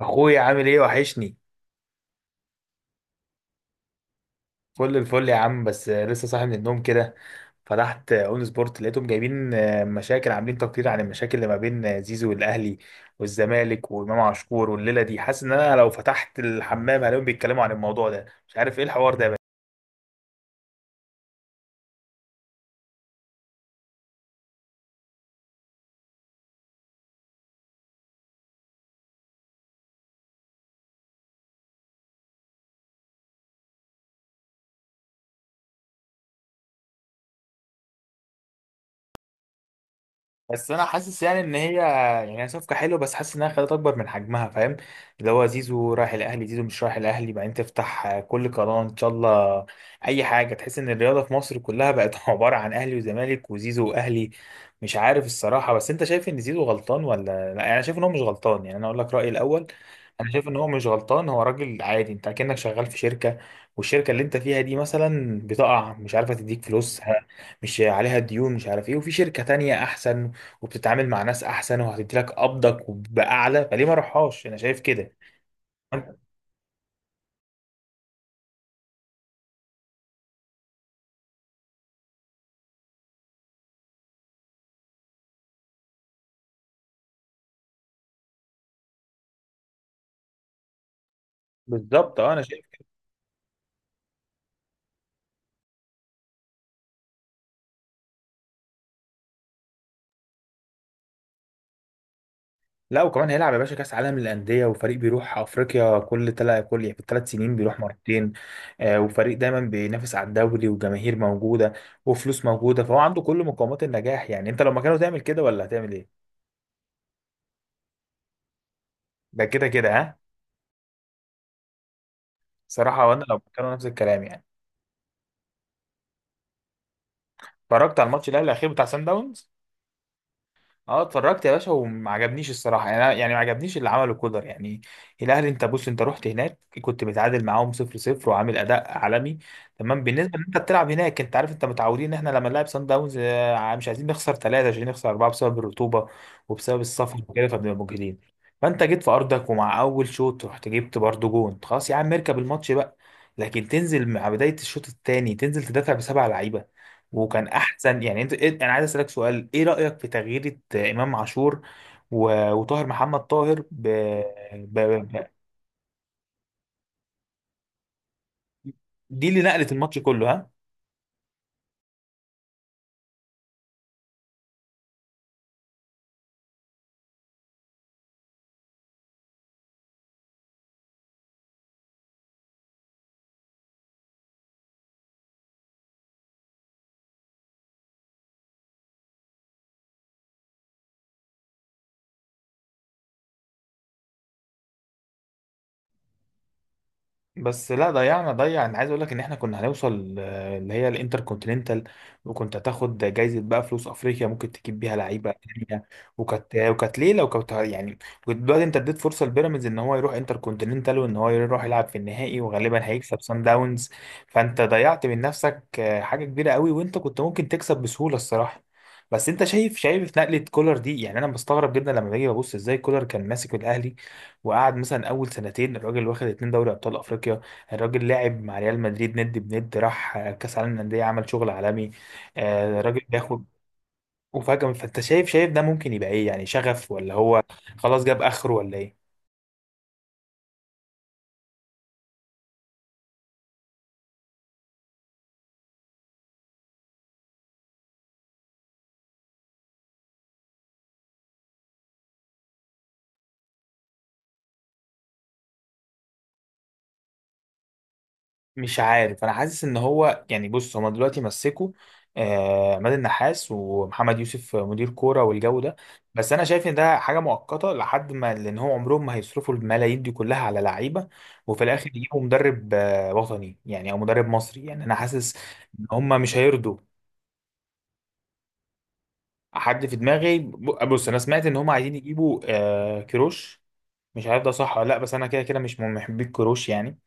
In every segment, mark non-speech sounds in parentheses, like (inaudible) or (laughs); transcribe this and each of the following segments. اخويا عامل ايه؟ وحشني. فل الفل يا عم، بس لسه صاحي من النوم كده. فتحت اون سبورت لقيتهم جايبين مشاكل، عاملين تقرير عن المشاكل اللي ما بين زيزو والاهلي والزمالك وامام عاشور، والليله دي حاسس ان انا لو فتحت الحمام هلاقيهم بيتكلموا عن الموضوع ده، مش عارف ايه الحوار ده. بس انا حاسس يعني ان هي صفقه حلوه، بس حاسس انها خدت اكبر من حجمها، فاهم؟ اللي هو زيزو رايح الاهلي، زيزو مش رايح الاهلي، بعدين تفتح كل قناه ان شاء الله اي حاجه، تحس ان الرياضه في مصر كلها بقت (laughs) عباره عن اهلي وزمالك وزيزو واهلي، مش عارف الصراحه. بس انت شايف ان زيزو غلطان ولا؟ لا يعني انا شايف ان هو مش غلطان، يعني انا اقول لك رايي الاول. انا شايف ان هو مش غلطان، هو راجل عادي. انت كأنك شغال في شركه، والشركه اللي انت فيها دي مثلا بتقع، مش عارفه تديك فلوس، مش عليها ديون، مش عارف ايه، وفي شركة تانية احسن وبتتعامل مع ناس احسن وهتدي لك قبضك باعلى، فليه ما اروحهاش؟ انا شايف كده. أنا- بالظبط، اه انا شايف كده. لا وكمان هيلعب يا باشا كاس عالم للانديه، وفريق بيروح افريقيا كل تلا كل يعني في الثلاث سنين بيروح مرتين. آه، وفريق دايما بينافس على الدوري، وجماهير موجوده وفلوس موجوده، فهو عنده كل مقومات النجاح. يعني انت لو مكانه تعمل كده ولا هتعمل ايه؟ ده كده كده، ها. صراحه، وانا لو مكانه نفس الكلام يعني. اتفرجت على الماتش الاهلي الاخير بتاع سان داونز. اه اتفرجت يا باشا، وما عجبنيش الصراحه، يعني ما عجبنيش اللي عمله كولر يعني. الاهلي، انت بص، انت رحت هناك كنت متعادل معاهم 0-0 وعامل اداء عالمي تمام، بالنسبه ان انت بتلعب هناك. انت عارف انت متعودين ان احنا لما نلعب سان داونز مش عايزين نخسر ثلاثه عشان نخسر اربعه بسبب الرطوبه وبسبب السفر وكده، فبنبقى مجهدين. فانت جيت في ارضك ومع اول شوط رحت جبت برضه جون، خلاص يا عم اركب الماتش بقى، لكن تنزل مع بدايه الشوط الثاني تنزل تدافع بسبع لعيبه، وكان احسن يعني. انت انا عايز اسالك سؤال، ايه رايك في تغيير امام عاشور و- وطاهر محمد طاهر ب... ب... دي اللي نقلت الماتش كله، ها. بس لا، ضيعنا ضيع، انا عايز اقول لك ان احنا كنا هنوصل اللي هي الانتر كونتيننتال، وكنت هتاخد جايزه بقى فلوس افريقيا ممكن تجيب بيها لعيبه تانيه. وكانت وكانت ليله وكانت يعني وكنت دلوقتي انت اديت فرصه لبيراميدز ان هو يروح انتر كونتيننتال وان هو يروح يلعب في النهائي وغالبا هيكسب سان داونز. فانت ضيعت من نفسك حاجه كبيره قوي، وانت كنت ممكن تكسب بسهوله الصراحه. بس انت شايف نقله كولر دي؟ يعني انا بستغرب جدا لما باجي ببص ازاي كولر كان ماسك الاهلي، وقعد مثلا اول سنتين الراجل، واخد اتنين دوري ابطال افريقيا. الراجل لعب مع ريال مدريد ند بند، راح كاس عالم للانديه، عمل شغل عالمي. الراجل بياخد، وفجأة فانت شايف ده ممكن يبقى ايه؟ يعني شغف ولا هو خلاص جاب اخره ولا ايه؟ مش عارف. انا حاسس ان هو يعني بص، هما دلوقتي مسكوا عماد النحاس ومحمد يوسف مدير كوره والجو ده، بس انا شايف ان ده حاجه مؤقته لحد ما، لان هو عمرهم ما هيصرفوا الملايين دي كلها على لعيبه وفي الاخر يجيبوا مدرب وطني يعني او مدرب مصري، يعني انا حاسس ان هما مش هيرضوا. حد في دماغي، بص انا سمعت ان هما عايزين يجيبوا كيروش. مش عارف ده صح ولا لا، بس انا كده كده مش من محبي كيروش يعني.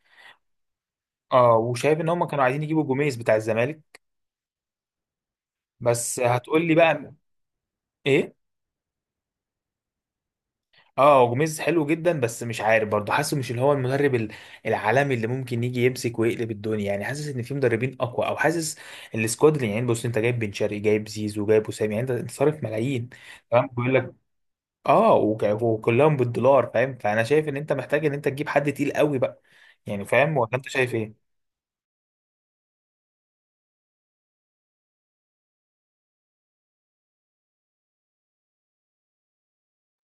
اه، وشايف ان هما كانوا عايزين يجيبوا جوميز بتاع الزمالك، بس هتقول لي بقى ايه؟ اه جوميز حلو جدا، بس مش عارف برضه حاسه، مش اللي هو المدرب العالمي اللي ممكن يجي يمسك ويقلب الدنيا يعني، حاسس ان في مدربين اقوى، او حاسس السكواد اللي يعني، بص انت جايب بن شرقي، جايب زيزو، جايب وسام، يعني انت صارف ملايين تمام، بيقول لك اه، وك- وكلهم بالدولار، فاهم؟ فانا شايف ان انت محتاج ان انت تجيب حد تقيل قوي بقى، يعني فاهم ولا انت شايف ايه؟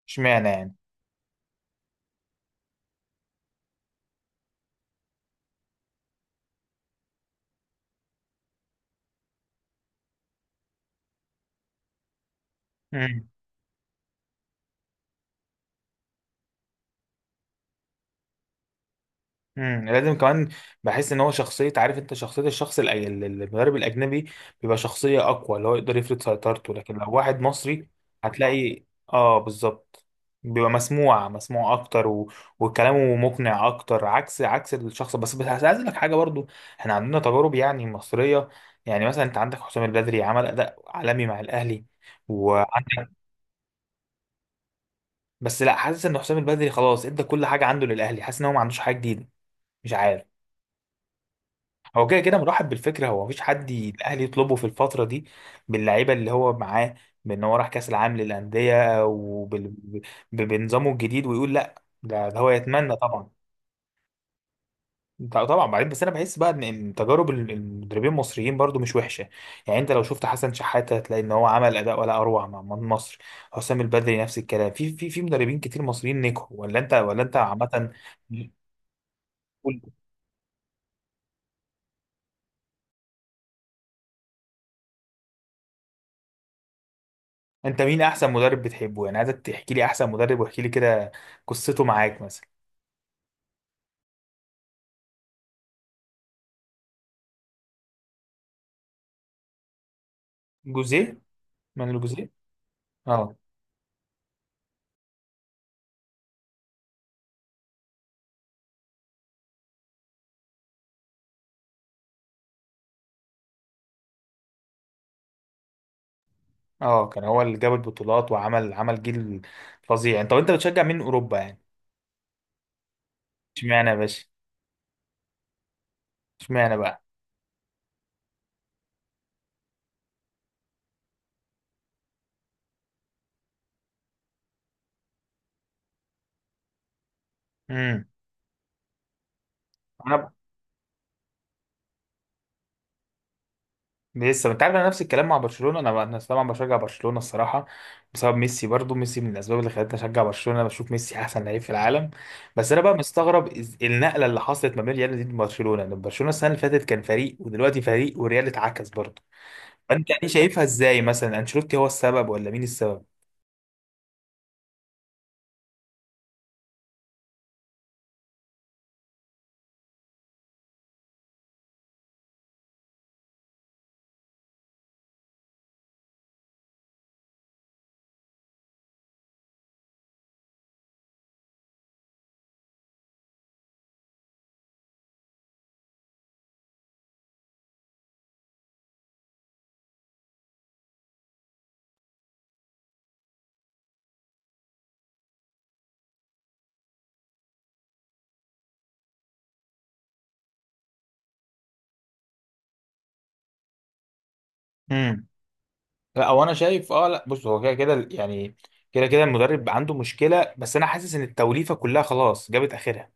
اشمعنى؟ يعني، لازم كمان. بحس ان هو شخصيه، عارف انت، شخصيه الشخص المدرب الاجنبي بيبقى شخصيه اقوى، اللي هو يقدر يفرض سيطرته، لكن لو واحد مصري هتلاقي اه بالظبط، بيبقى مسموع اكتر و... وكلامه مقنع اكتر، عكس الشخص. بس عايز اقول لك حاجه برضو، احنا عندنا تجارب يعني مصريه. يعني مثلا انت عندك حسام البدري عمل اداء عالمي مع الاهلي، وعندك، بس لا حاسس ان حسام البدري خلاص ادى كل حاجه عنده للاهلي، حاسس ان هو ما عندوش حاجه جديده، مش عارف. هو كده كده مرحب بالفكره، هو مفيش حد الاهلي يطلبه في الفتره دي باللعيبه اللي هو معاه، بان هو راح كاس العالم للانديه بنظامه الجديد، ويقول لا ده، ده هو يتمنى طبعا. طبعا. بعدين بس انا بحس بقى ان تجارب المدربين المصريين برضو مش وحشه، يعني انت لو شفت حسن شحاته هتلاقي ان هو عمل اداء ولا اروع مع مصر حسام البدري نفس الكلام، في مدربين كتير مصريين نجحوا، ولا انت عامه انت مين احسن مدرب بتحبه؟ يعني عايزك تحكي لي احسن مدرب، واحكي لي كده قصته معاك مثلا. جوزيه، مانويل جوزيه. اه. اه كان هو اللي جاب البطولات وعمل عمل جيل فظيع. انت وانت بتشجع مين اوروبا يعني؟ اشمعنى يا باشا؟ اشمعنى بقى؟ امم، انا لسه، انت عارف، انا نفس الكلام مع برشلونه، انا طبعا بشجع برشلونه الصراحه بسبب ميسي، برضو ميسي من الاسباب اللي خلتني اشجع برشلونه، انا بشوف ميسي احسن لعيب في العالم. بس انا بقى مستغرب النقله اللي حصلت ما بين ريال مدريد وبرشلونه، لان برشلونه السنه اللي فاتت كان فريق ودلوقتي فريق، والريال اتعكس برضو. فانت دي شايفها ازاي؟ مثلا انشيلوتي هو السبب ولا مين السبب؟ امم. لا هو انا شايف، اه لا بص هو كده كده يعني، كده كده المدرب عنده مشكله، بس انا حاسس ان التوليفه كلها خلاص جابت اخرها،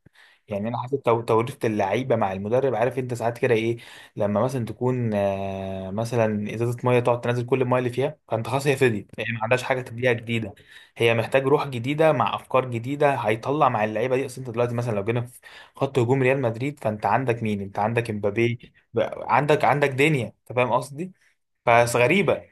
يعني انا حاسس توريث اللعيبه مع المدرب، عارف انت ساعات كده ايه، لما مثلا تكون مثلا ازازه ميه، تقعد تنزل كل الميه اللي فيها، فانت خلاص هي فضيت، هي ما عندهاش حاجه تديها جديده، هي محتاج روح جديده مع افكار جديده هيطلع مع اللعيبه دي، اصل انت دلوقتي مثلا لو جينا في خط هجوم ريال مدريد، فانت عندك مين؟ انت عندك امبابي، عندك دنيا، انت فاهم قصدي؟ فغريبه.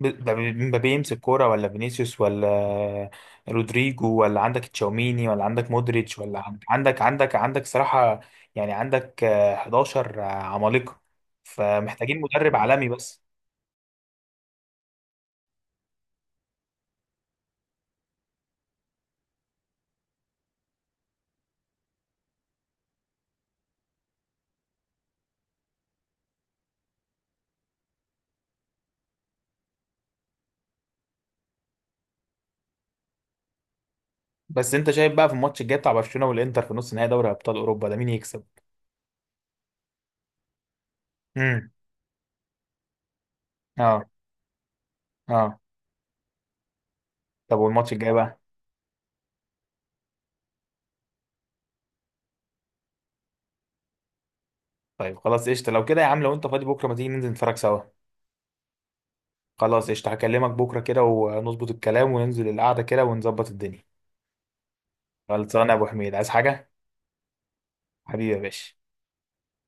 مبابي يمسك كورة، ولا فينيسيوس، ولا رودريجو، ولا عندك تشاوميني، ولا عندك مودريتش، ولا عندك صراحة يعني، عندك 11 عمالقة، فمحتاجين مدرب عالمي بس. بس انت شايف بقى في الماتش الجاي بتاع برشلونة والانتر في نص نهائي دوري ابطال اوروبا ده مين يكسب؟ امم، اه. اه. طب والماتش الجاي بقى؟ طيب خلاص قشطة لو كده يا عم، لو انت فاضي بكرة ما تيجي ننزل نتفرج سوا. خلاص قشطة، هكلمك بكرة كده ونظبط الكلام وننزل القعدة كده ونظبط الدنيا. خلصانة يا ابو حميد، عايز حاجة؟ حبيبي يا باشا.